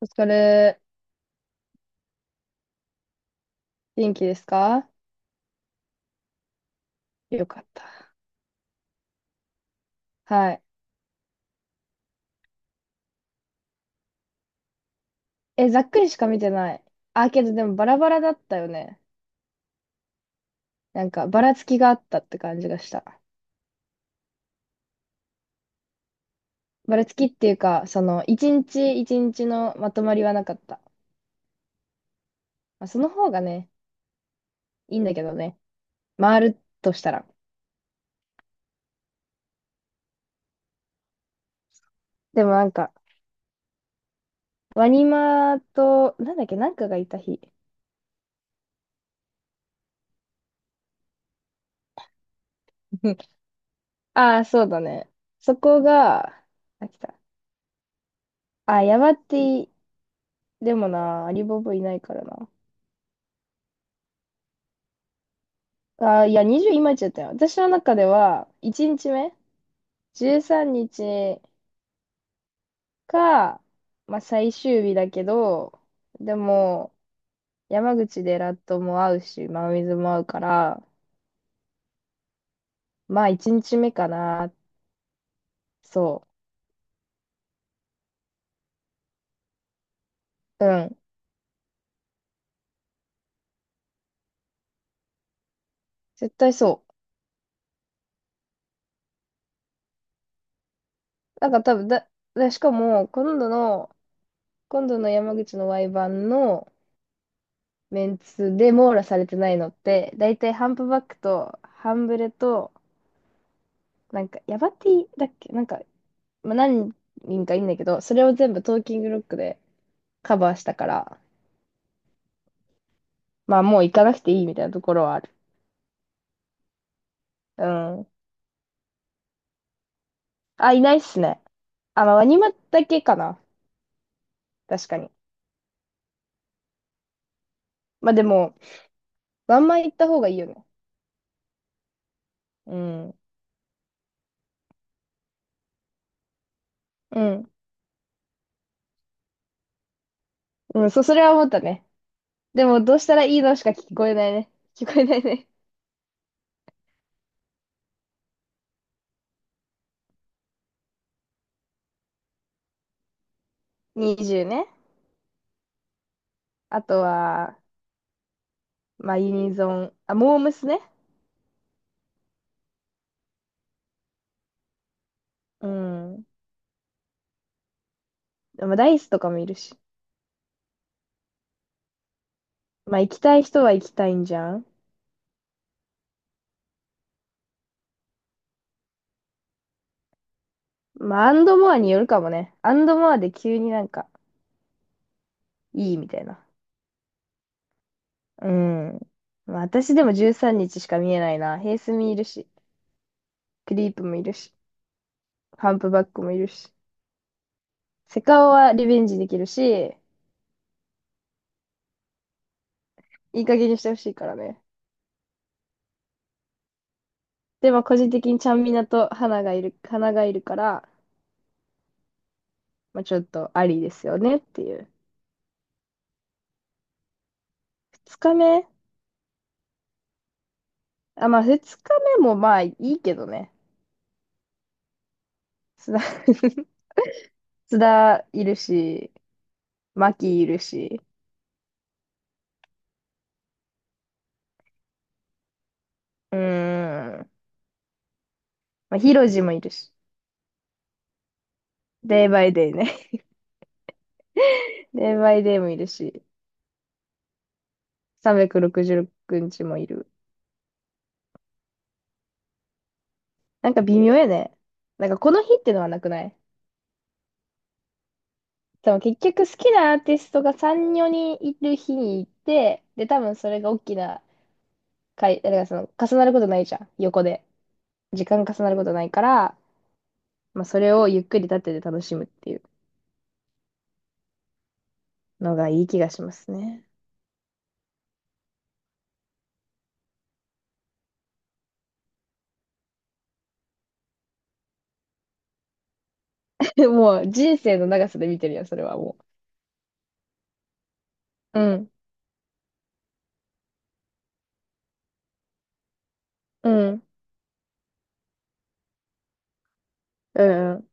お疲れ。元気ですか？よかった。はい。えざっくりしか見てない。あ、けどでもバラバラだったよね。なんか、ばらつきがあったって感じがした。ばらつきっていうか、その、一日一日のまとまりはなかった。まあ、その方がね、いいんだけどね。回るとしたら。でもなんか、ワニマと、なんだっけ、なんかがいた日。ああ、そうだね。そこが、あ、来た。あ、ヤバティ、でもな、アリボブいないからな。あー、いや、20今言っちゃったよ。私の中では、1日目、13日か、まあ、最終日だけど、でも、山口でラットも会うし、真水も会うから、まあ、1日目かな。そう。うん。絶対そう。なんか多分しかも、今度の山口の Y 版のメンツで網羅されてないのって、だいたいハンプバックと、ハンブレと、なんか、ヤバティだっけなんか、まあ、何人かいいんだけど、それを全部トーキングロックでカバーしたから、まあもう行かなくていいみたいなところはある。うん。あ、いないっすね。あ、まあワニマだけかな。確かに。まあでも、ワンマン行った方がいいよね。うん。うん。うん、そう、それは思ったね。でも、どうしたらいいのしか聞こえないね。聞こえないね。20ね。あとは、まあユニゾン。あ、モームスね。うん。まダイスとかもいるし。まあ行きたい人は行きたいんじゃん。まあ、アンドモアによるかもね。アンドモアで急になんか、いいみたいな。うん。まあ、私でも13日しか見えないな。ヘイスミいるし、クリープもいるし、ハンプバックもいるし。セカオはリベンジできるし、いい加減にしてほしいからね。でも個人的にちゃんみなと花がいるから、まあ、ちょっとありですよねっていう。二日目あ、まあ二日目もまあいいけどね。須田 須田いるし、マキいるし。うーん。まあ、ヒロジもいるし、デイバイデイね。デイバイデイもいるし、366日もいる。なんか微妙やね。なんかこの日ってのはなくない？多分結局好きなアーティストが3、4人いる日に行って、で、多分それが大きな回、だからその重なることないじゃん、横で。時間重なることないから、まあそれをゆっくり立ってて楽しむっていうのがいい気がしますね。もう人生の長さで見てるよ、それはもう。うん、うん、うん、うん。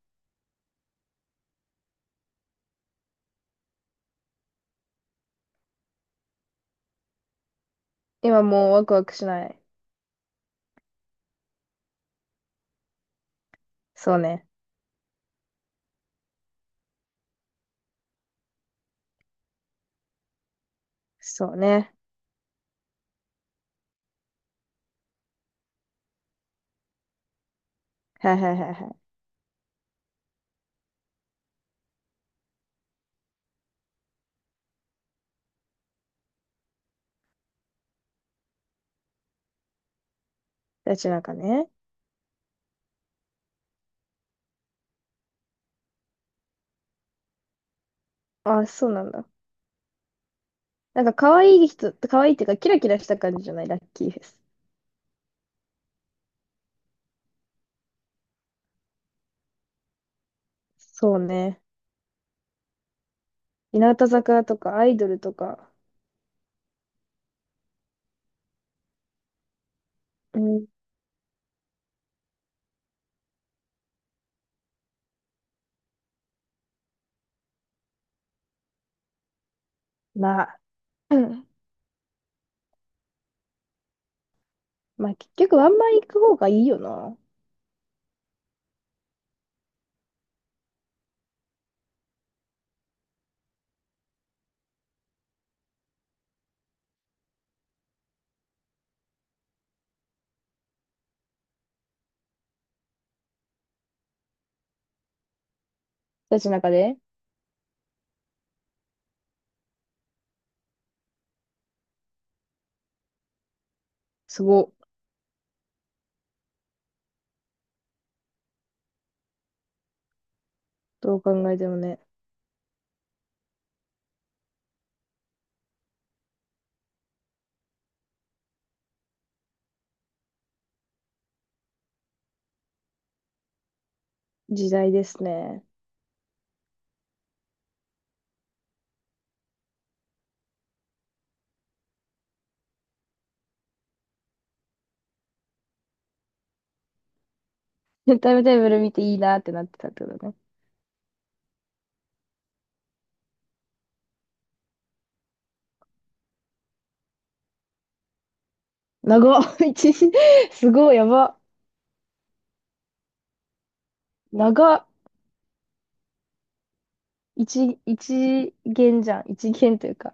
今もうワクワクしない。そうね。そうね。はいはいはいはい。ラッキーなんかね。あ、そうなんだ。なんか可愛いっていうかキラキラした感じじゃない、ラッキーフェス。そうね。日向坂とかアイドルとか。うん。まあ、うん、まあ結局ワンマン行く方がいいよな。たちの中で。すごい。どう考えてもね。時代ですね。タイムテーブル見ていいなってなってたってことね。長っ。 一時、すごい、やば。長っ。一限じゃん。一限というか。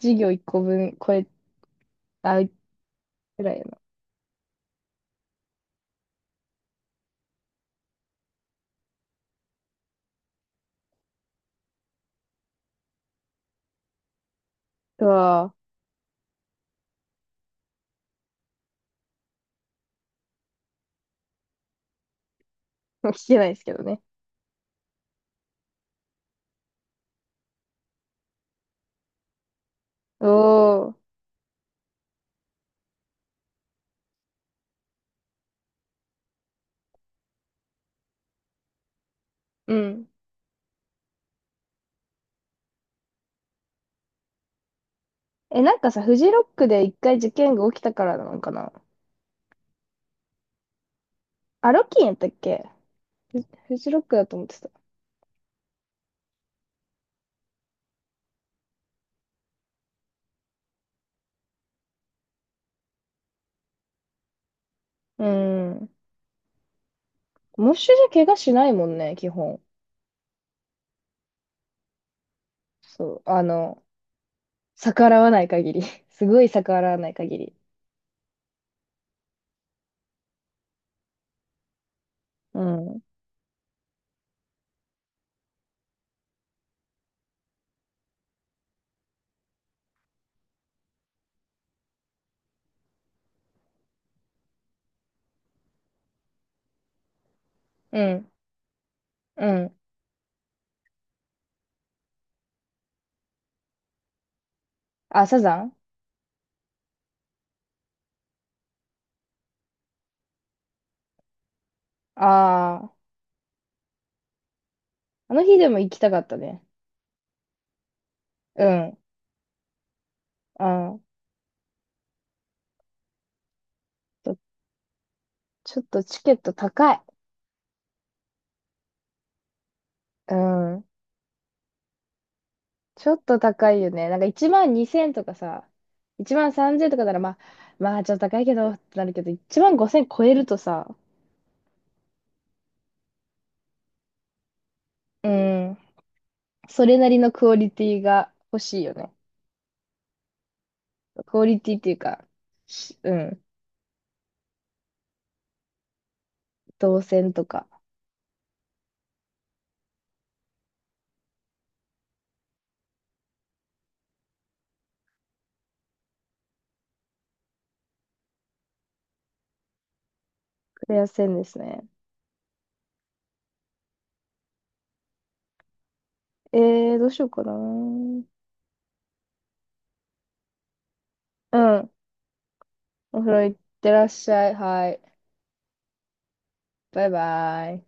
授業1個分これあぐらいやな。うわぁ、聞けないですけどね。おー、うん。え、なんかさ、フジロックで一回事件が起きたからなのかな？あ、ロッキンやったっけ？フ、フジロックだと思ってた。うん。モッシュじゃ怪我しないもんね、基本。そう、あの、逆らわない限り。すごい逆らわない限り。うん。うん。うん。あ、サザン、ああー、あの日でも行きたかったね。うん。あー、ちょ、ちょっとチケット高い。うん。ちょっと高いよね。なんか1万2千とかさ、1万3千とかならまあ、まあちょっと高いけどってなるけど、1万5千超えるとさ、うん。それなりのクオリティが欲しいよね。クオリティっていうか、しうん。動線とか、クレア線ですね。えー、どうしようかな。うん。お風呂行ってらっしゃい。はい。バイバイ。